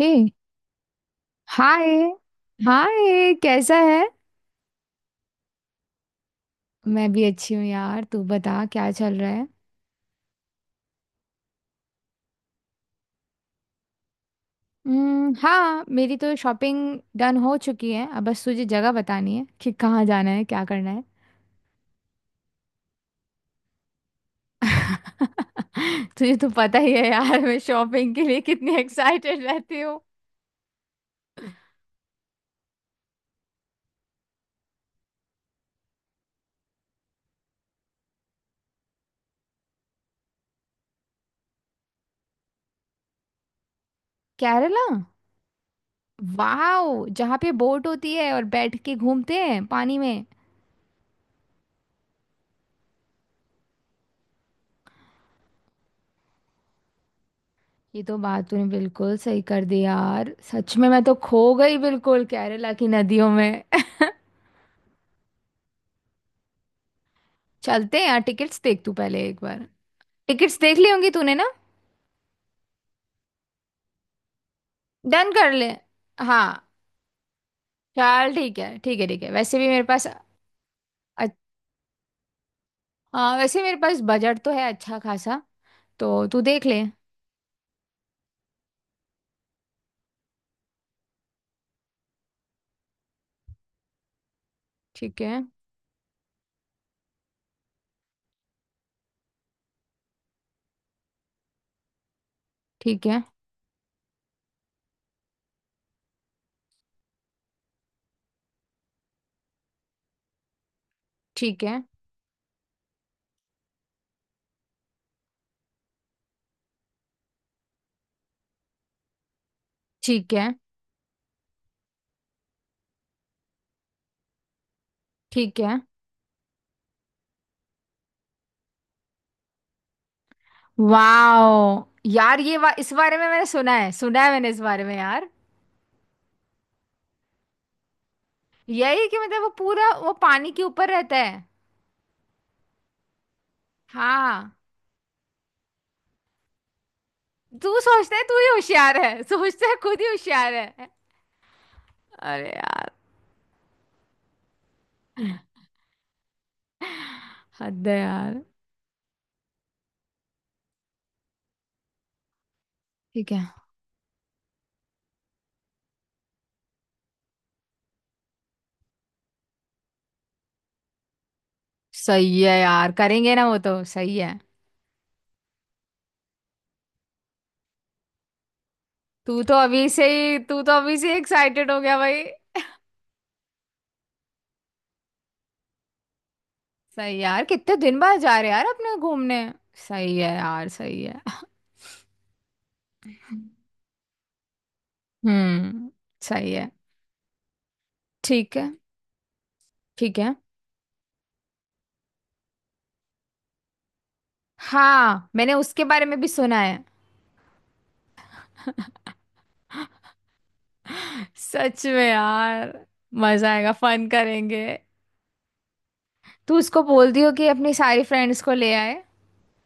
हे hi. Hi कैसा है। मैं भी अच्छी हूँ यार, तू बता क्या चल रहा है। हम्म, हाँ, मेरी तो शॉपिंग डन हो चुकी है, अब बस तुझे जगह बतानी है कि कहाँ जाना है क्या करना है। तुझे तो पता ही है यार, मैं शॉपिंग के लिए कितनी एक्साइटेड रहती हूँ। केरला। वाह, जहाँ पे बोट होती है और बैठ के घूमते हैं पानी में। ये तो बात तूने बिल्कुल सही कर दी यार, सच में मैं तो खो गई बिल्कुल केरला की नदियों में। चलते हैं यार, टिकट्स देख तू पहले एक बार। टिकट्स देख ली होंगी तूने ना। डन कर ले। हाँ। चल ठीक है, ठीक है, ठीक है, वैसे भी मेरे पास। अ- हाँ, वैसे मेरे पास बजट तो है अच्छा खासा। तो तू देख ले। ठीक है। ठीक है। ठीक है। ठीक है। ठीक है। वाओ यार, ये इस बारे में मैंने सुना है, सुना है मैंने इस बारे में यार। यही कि मतलब वो पूरा वो पानी के ऊपर रहता है। हाँ। तू सोचता है तू ही होशियार है, सोचता है खुद ही होशियार है। अरे यार। हद है यार। ठीक है। सही है यार, करेंगे ना, वो तो सही है। तू तो अभी से एक्साइटेड हो गया भाई। सही है यार, कितने दिन बाद जा रहे हैं यार अपने घूमने। सही है यार, सही है। हम्म। सही है। ठीक है। ठीक है। हाँ, मैंने उसके बारे में भी सुना है। सच में यार। मजा आएगा, फन करेंगे। तू उसको बोल दियो कि अपनी सारी फ्रेंड्स को ले आए।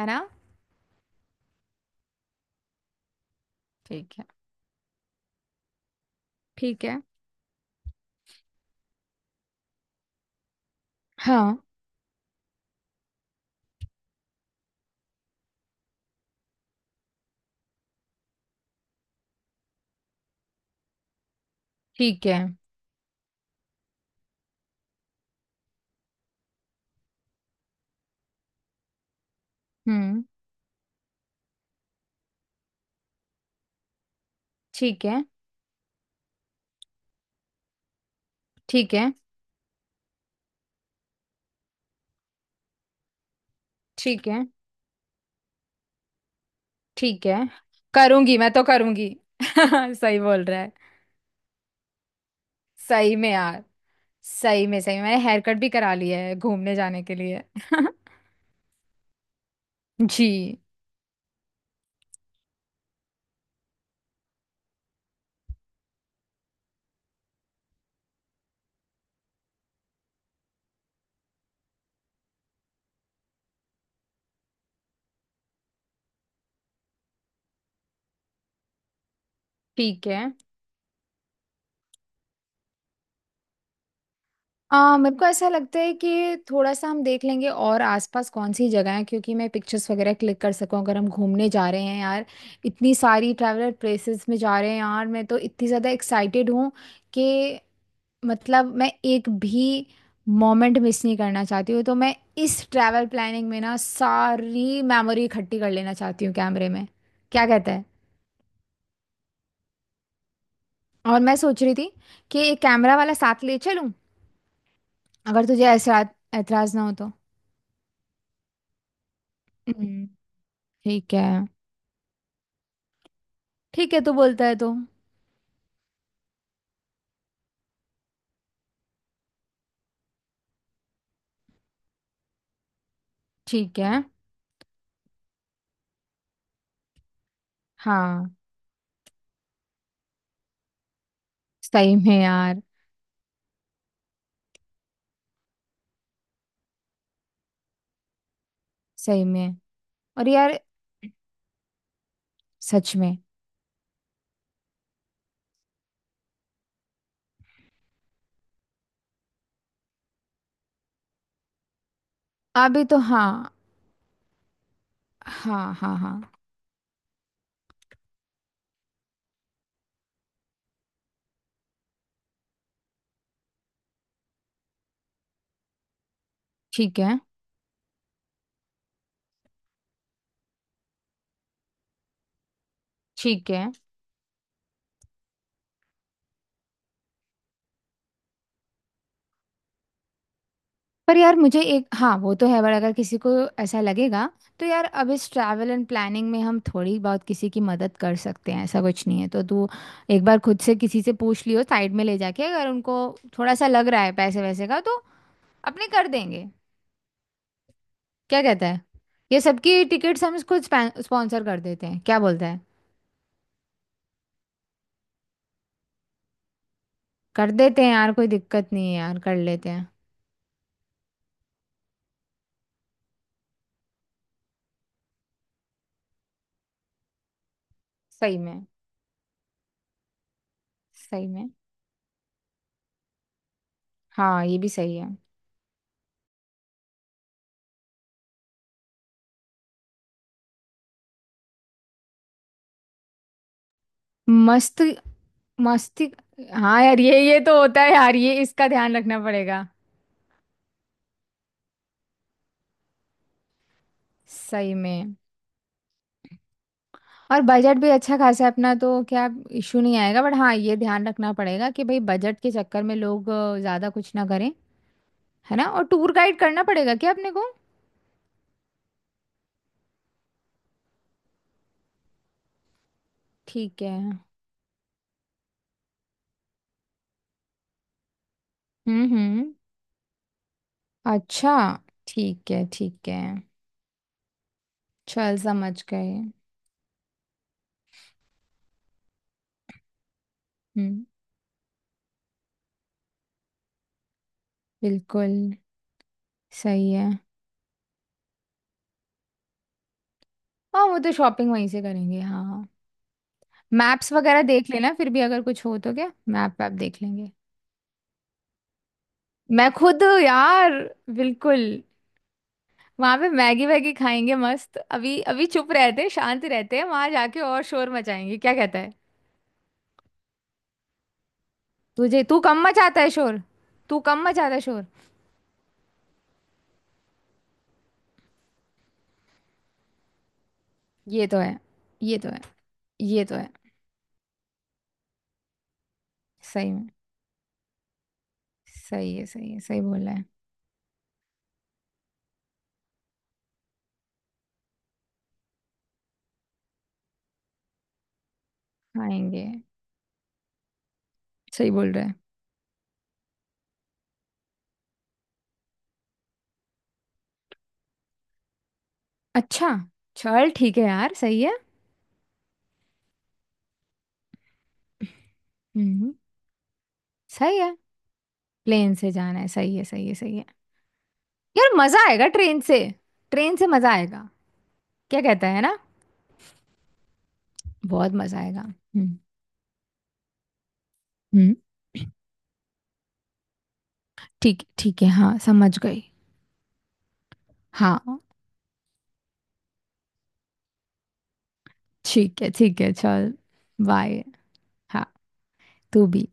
है ना। ठीक है। ठीक है। हाँ। ठीक है। हम्म। ठीक है। ठीक है। ठीक है। ठीक है। करूंगी, मैं तो करूंगी। सही बोल रहा है। सही में यार। सही में, सही में मैंने हेयर कट भी करा लिया है घूमने जाने के लिए। जी। ठीक है। मेरे को ऐसा लगता है कि थोड़ा सा हम देख लेंगे और आसपास कौन सी जगह है, क्योंकि मैं पिक्चर्स वगैरह क्लिक कर सकूं अगर हम घूमने जा रहे हैं यार। इतनी सारी ट्रैवलर प्लेसेस में जा रहे हैं यार, मैं तो इतनी ज़्यादा एक्साइटेड हूँ कि मतलब मैं एक भी मोमेंट मिस नहीं करना चाहती हूँ, तो मैं इस ट्रैवल प्लानिंग में ना सारी मेमोरी इकट्ठी कर लेना चाहती हूँ कैमरे में। क्या कहता है। और मैं सोच रही थी कि एक कैमरा वाला साथ ले चलूँ, अगर तुझे ऐसा एतराज ना हो तो। हम्म, ठीक है। ठीक है, तू बोलता है तो। ठीक है। हाँ। सही में यार, सही में। और यार, सच में। अभी तो हाँ। हाँ, हाँ, हाँ। ठीक है। ठीक है। पर यार मुझे एक, हाँ वो तो है, पर अगर किसी को ऐसा लगेगा, तो यार अब इस ट्रैवल एंड प्लानिंग में हम थोड़ी बहुत किसी की मदद कर सकते हैं ऐसा कुछ नहीं है, तो तू एक बार खुद से किसी से पूछ लियो, साइड में ले जाके, अगर उनको थोड़ा सा लग रहा है पैसे वैसे का तो अपने कर देंगे। क्या कहता है। ये सबकी टिकट्स हम खुद स्पॉन्सर कर देते हैं, क्या बोलता है। कर देते हैं यार, कोई दिक्कत नहीं है यार, कर लेते हैं। सही में, सही में। हाँ, ये भी सही है। मस्त। मस्ती। हाँ यार, ये तो होता है यार, ये इसका ध्यान रखना पड़ेगा। सही में। और बजट भी अच्छा खासा है अपना, तो क्या इशू नहीं आएगा, बट हाँ, ये ध्यान रखना पड़ेगा कि भाई बजट के चक्कर में लोग ज्यादा कुछ ना करें। है ना, और टूर गाइड करना पड़ेगा क्या अपने को। ठीक है। हम्म। हम्म। अच्छा। ठीक है। ठीक है। चल समझ गए। हम्म। बिल्कुल। सही है। हाँ, वो तो शॉपिंग वहीं से करेंगे, हाँ हाँ। मैप्स वगैरह देख लेना, फिर भी अगर कुछ हो तो क्या मैप वैप देख लेंगे। मैं खुद यार। बिल्कुल। वहां पे मैगी वैगी खाएंगे मस्त, अभी अभी चुप रहते हैं शांत रहते हैं वहां जाके और शोर मचाएंगे, क्या कहता है। तुझे? तू कम मचाता है शोर। तू कम मचाता है शोर। ये तो है। ये तो है। ये तो है। सही में। सही है, सही है, सही बोल रहा है। खाएंगे। सही बोल रहा है। अच्छा। चल ठीक है यार, सही है। हम्म। सही है। प्लेन से जाना है, सही है, सही है, सही है। यार मजा आएगा ट्रेन से। ट्रेन से मजा आएगा। क्या कहता है ना। बहुत मजा आएगा। हम्म। हम्म। ठीक, ठीक है, हाँ समझ गई। हाँ। ठीक है, ठीक है, चल बाय। हाँ। तू भी।